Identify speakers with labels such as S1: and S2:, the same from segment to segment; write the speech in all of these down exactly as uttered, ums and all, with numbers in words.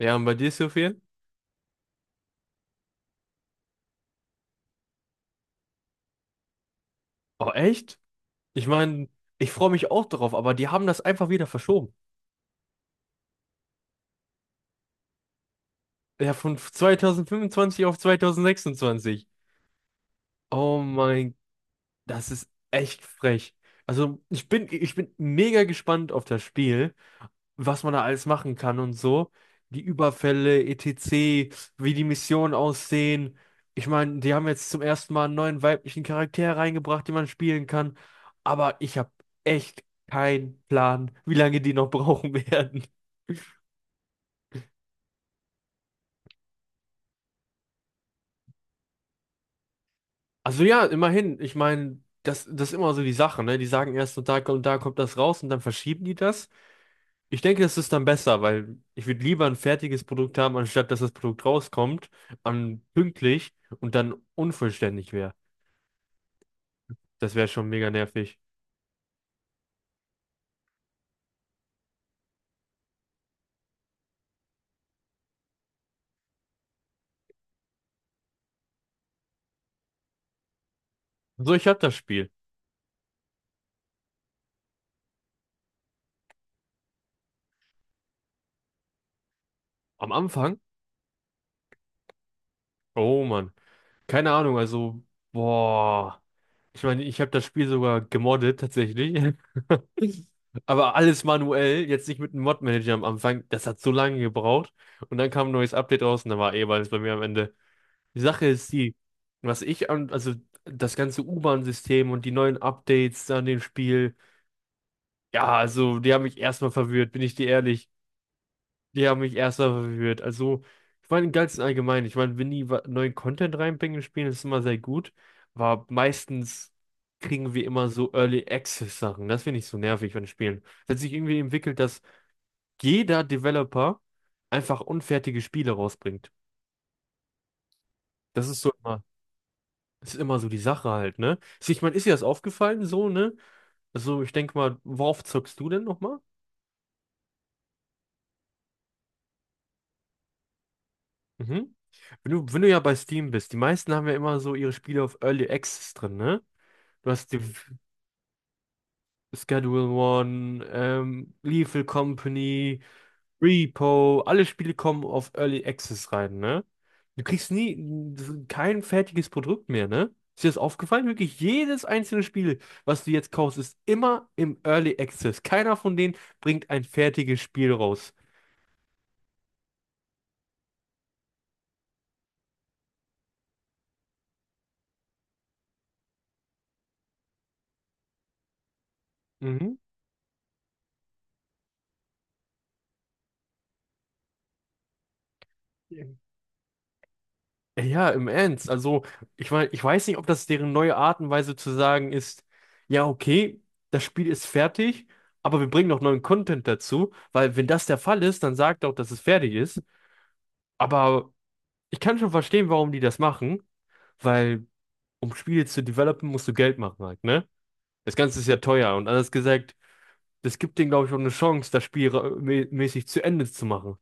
S1: Ja, und bei dir, ist so viel? Oh, echt? Ich meine, ich freue mich auch darauf, aber die haben das einfach wieder verschoben. Ja, von zwanzig fünfundzwanzig auf zwanzig sechsundzwanzig. Oh mein, das ist echt frech. Also, ich bin, ich bin mega gespannt auf das Spiel. Was man da alles machen kann und so. Die Überfälle, et cetera, wie die Missionen aussehen. Ich meine, die haben jetzt zum ersten Mal einen neuen weiblichen Charakter reingebracht, den man spielen kann. Aber ich habe echt keinen Plan, wie lange die noch brauchen werden. Also ja, immerhin. Ich meine, das, das ist immer so die Sache, ne? Die sagen erst, und da kommt, da kommt das raus und dann verschieben die das. Ich denke, es ist dann besser, weil ich würde lieber ein fertiges Produkt haben, anstatt dass das Produkt rauskommt, an pünktlich und dann unvollständig wäre. Das wäre schon mega nervig. So, ich habe das Spiel. Am Anfang? Oh Mann. Keine Ahnung, also, boah. Ich meine, ich habe das Spiel sogar gemoddet tatsächlich. Aber alles manuell, jetzt nicht mit einem Mod-Manager am Anfang. Das hat so lange gebraucht. Und dann kam ein neues Update raus und dann war eh alles bei mir am Ende. Die Sache ist die, was ich an, also das ganze U-Bahn-System und die neuen Updates an dem Spiel, ja, also die haben mich erstmal verwirrt, bin ich dir ehrlich. Die haben mich erstmal verwirrt. Also, ich meine, im Ganzen allgemein, ich meine, wenn die wa- neuen Content reinbringen in Spielen, ist immer sehr gut, aber meistens kriegen wir immer so Early Access Sachen. Das finde ich so nervig an Spielen. Es hat sich irgendwie entwickelt, dass jeder Developer einfach unfertige Spiele rausbringt. Das ist so immer. Das ist immer so die Sache halt, ne? Also ich meine, ist dir das aufgefallen so, ne? Also ich denke mal, worauf zockst du denn nochmal? Mhm. Wenn du, wenn du ja bei Steam bist, die meisten haben ja immer so ihre Spiele auf Early Access drin, ne? Du hast die Schedule One, ähm, Lethal Company, Repo, alle Spiele kommen auf Early Access rein, ne? Du kriegst nie kein fertiges Produkt mehr, ne? Ist dir das aufgefallen? Wirklich jedes einzelne Spiel, was du jetzt kaufst, ist immer im Early Access. Keiner von denen bringt ein fertiges Spiel raus. Mhm. Ja, im Ernst. Also, ich meine, ich weiß nicht, ob das deren neue Art und Weise zu sagen ist, ja, okay, das Spiel ist fertig, aber wir bringen noch neuen Content dazu, weil wenn das der Fall ist, dann sagt auch, dass es fertig ist. Aber ich kann schon verstehen, warum die das machen, weil um Spiele zu developen, musst du Geld machen halt, ne? Das Ganze ist ja teuer und anders gesagt, das gibt denen, glaube ich, auch eine Chance, das Spiel ra- mä- mäßig zu Ende zu machen.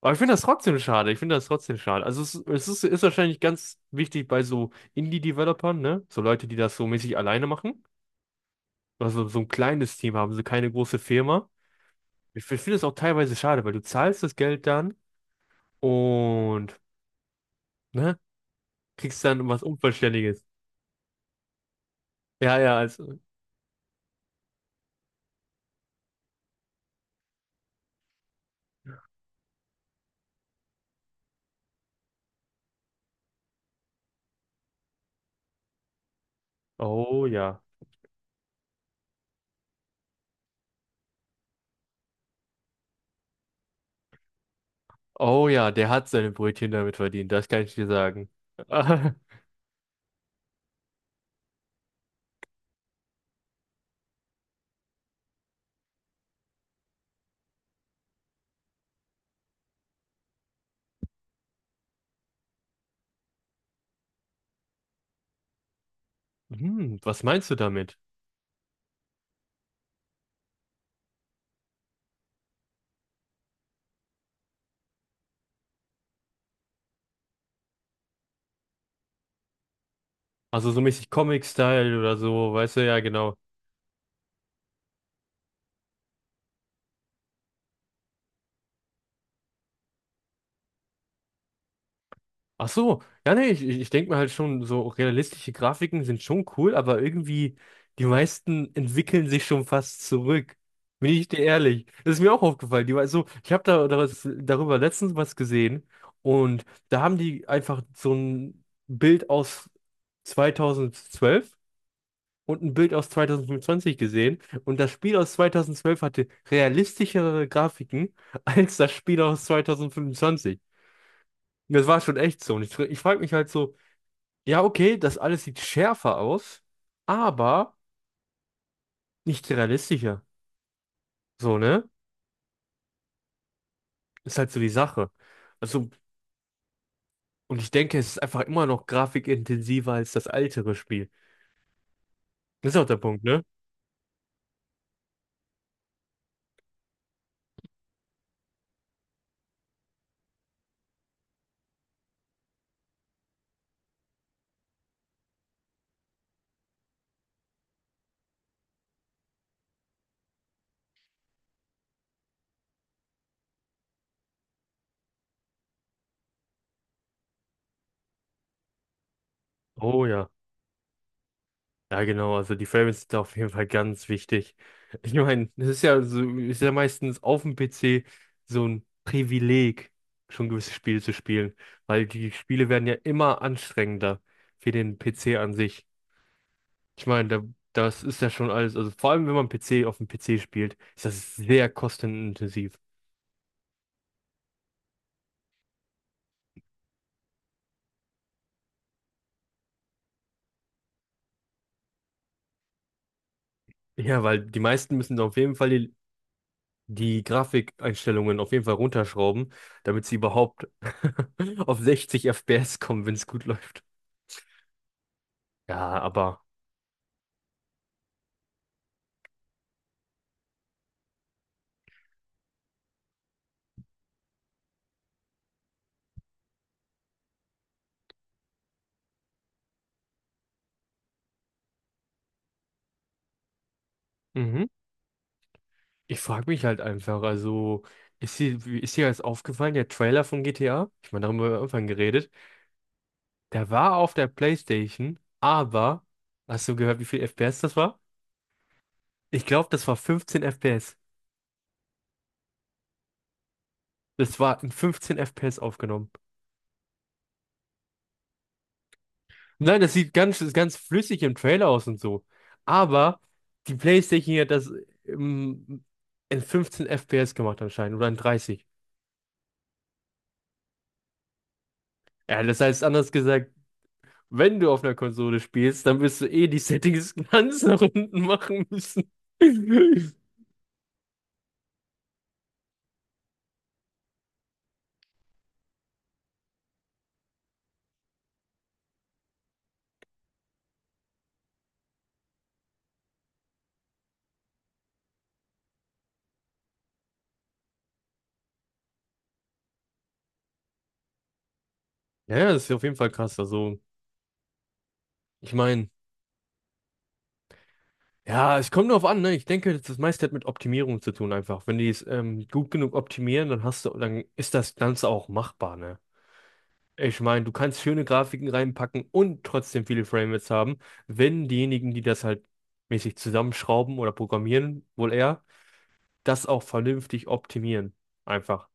S1: Aber ich finde das trotzdem schade, ich finde das trotzdem schade. Also es, es ist, ist wahrscheinlich ganz wichtig bei so Indie-Developern, ne? So Leute, die das so mäßig alleine machen. Also so so ein kleines Team haben, so keine große Firma. Ich, ich finde es auch teilweise schade, weil du zahlst das Geld dann und, ne? Kriegst dann was Unvollständiges. Ja, ja, als. Oh ja. Oh ja, der hat seine Brötchen damit verdient, das kann ich dir sagen. Hm, was meinst du damit? Also so mäßig Comic-Style oder so, weißt du, ja genau. Ach so, ja nee, ich, ich denke mir halt schon, so realistische Grafiken sind schon cool, aber irgendwie die meisten entwickeln sich schon fast zurück. Bin ich dir ehrlich? Das ist mir auch aufgefallen. Die, war so, ich habe da, da was- darüber letztens was gesehen und da haben die einfach so ein Bild aus zweitausendzwölf und ein Bild aus zwanzig fünfundzwanzig gesehen und das Spiel aus zwanzig zwölf hatte realistischere Grafiken als das Spiel aus zwanzig fünfundzwanzig. Und das war schon echt so. Und ich, ich frage mich halt so, ja, okay, das alles sieht schärfer aus, aber nicht realistischer. So, ne? Ist halt so die Sache. Also, und ich denke, es ist einfach immer noch grafikintensiver als das ältere Spiel. Das ist auch der Punkt, ne? Oh ja. Ja, genau, also die Frames sind da auf jeden Fall ganz wichtig. Ich meine, das ist ja so, ist ja meistens auf dem P C so ein Privileg, schon gewisse Spiele zu spielen, weil die Spiele werden ja immer anstrengender für den P C an sich. Ich meine, da, das ist ja schon alles, also vor allem wenn man P C auf dem P C spielt, ist das sehr kostenintensiv. Ja, weil die meisten müssen auf jeden Fall die, die Grafikeinstellungen auf jeden Fall runterschrauben, damit sie überhaupt auf sechzig F P S kommen, wenn es gut läuft. Ja, aber mhm. Ich frage mich halt einfach, also ist dir, wie- ist dir jetzt aufgefallen, der Trailer von G T A? Ich meine, darüber haben wir am Anfang geredet. Der war auf der PlayStation, aber hast du gehört, wie viel F P S das war? Ich glaube, das war fünfzehn F P S. Das war in fünfzehn F P S aufgenommen. Nein, das sieht ganz, ist ganz flüssig im Trailer aus und so. Aber die PlayStation hat das im, in fünfzehn F P S gemacht anscheinend oder in dreißig. Ja, das heißt anders gesagt, wenn du auf einer Konsole spielst, dann wirst du eh die Settings ganz nach unten machen müssen. Ja, ja, das ist auf jeden Fall krass. Also, ich meine, ja, es kommt drauf an, ne? Ich denke, das das meiste hat mit Optimierung zu tun einfach. Wenn die es ähm, gut genug optimieren, dann hast du, dann ist das Ganze auch machbar, ne? Ich meine, du kannst schöne Grafiken reinpacken und trotzdem viele Framerates haben, wenn diejenigen, die das halt mäßig zusammenschrauben oder programmieren, wohl eher, das auch vernünftig optimieren. Einfach.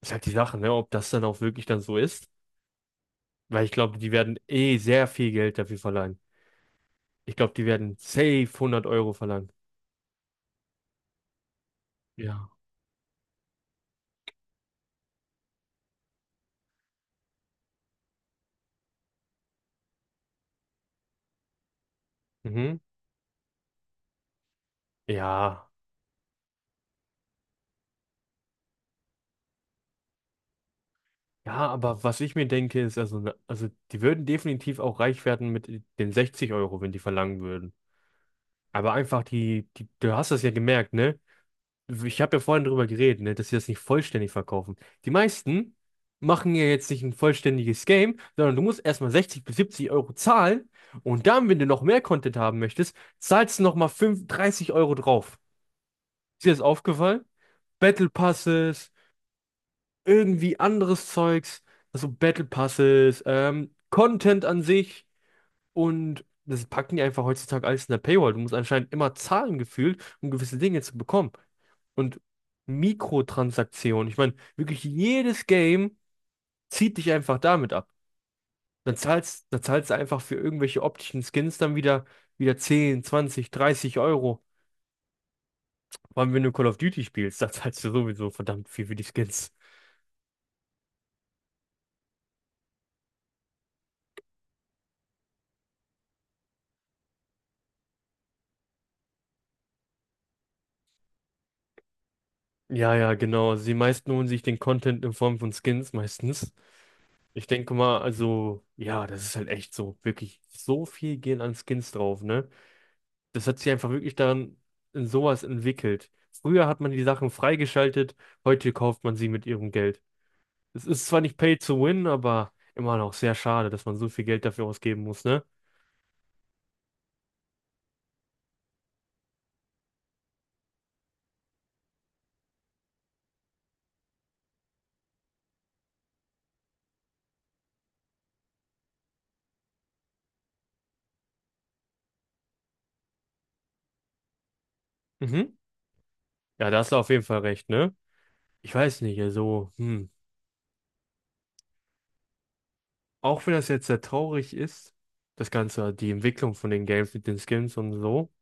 S1: Ist halt die Sache, ne, ob das dann auch wirklich dann so ist. Weil ich glaube, die werden eh sehr viel Geld dafür verlangen. Ich glaube, die werden safe hundert Euro verlangen. Ja. Mhm. Ja. Ja, aber was ich mir denke, ist, also, ne- also die würden definitiv auch reich werden mit den sechzig Euro, wenn die verlangen würden. Aber einfach die, die, du hast das ja gemerkt, ne? Ich habe ja vorhin drüber geredet, ne, dass sie das nicht vollständig verkaufen. Die meisten machen ja jetzt nicht ein vollständiges Game, sondern du musst erstmal sechzig bis siebzig Euro zahlen und dann, wenn du noch mehr Content haben möchtest, zahlst du nochmal dreißig Euro drauf. Ist dir das aufgefallen? Battle Passes, irgendwie anderes Zeugs, also Battle Passes, ähm, Content an sich. Und das packen die einfach heutzutage alles in der Paywall. Du musst anscheinend immer zahlen gefühlt, um gewisse Dinge zu bekommen. Und Mikrotransaktionen, ich meine, wirklich jedes Game zieht dich einfach damit ab. Dann zahlst, dann zahlst du einfach für irgendwelche optischen Skins dann wieder, wieder zehn, zwanzig, dreißig Euro. Vor allem, wenn du Call of Duty spielst, da zahlst du sowieso verdammt viel für die Skins. Ja, ja, genau. Also die meisten holen sich den Content in Form von Skins meistens. Ich denke mal, also, ja, das ist halt echt so, wirklich so viel gehen an Skins drauf, ne? Das hat sich einfach wirklich daran in sowas entwickelt. Früher hat man die Sachen freigeschaltet, heute kauft man sie mit ihrem Geld. Es ist zwar nicht pay to win, aber immer noch sehr schade, dass man so viel Geld dafür ausgeben muss, ne? Mhm. Ja, da hast du auf jeden Fall recht, ne? Ich weiß nicht, also, hm. Auch wenn das jetzt sehr traurig ist, das Ganze, die Entwicklung von den Games mit den Skins und so.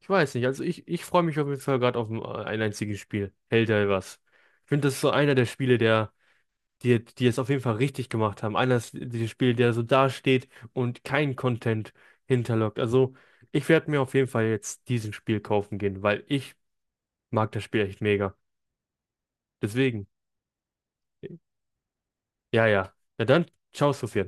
S1: Ich weiß nicht, also ich, ich freue mich auf jeden Fall gerade auf ein ein einziges Spiel. Hält er was? Ich finde, das ist so einer der Spiele, der, die, die es auf jeden Fall richtig gemacht haben. Einer ist der Spiele, der so dasteht und kein Content hinterlockt. Also ich werde mir auf jeden Fall jetzt diesen Spiel kaufen gehen, weil ich mag das Spiel echt mega. Deswegen, ja, ja. Ja, dann, ciao, Sophia.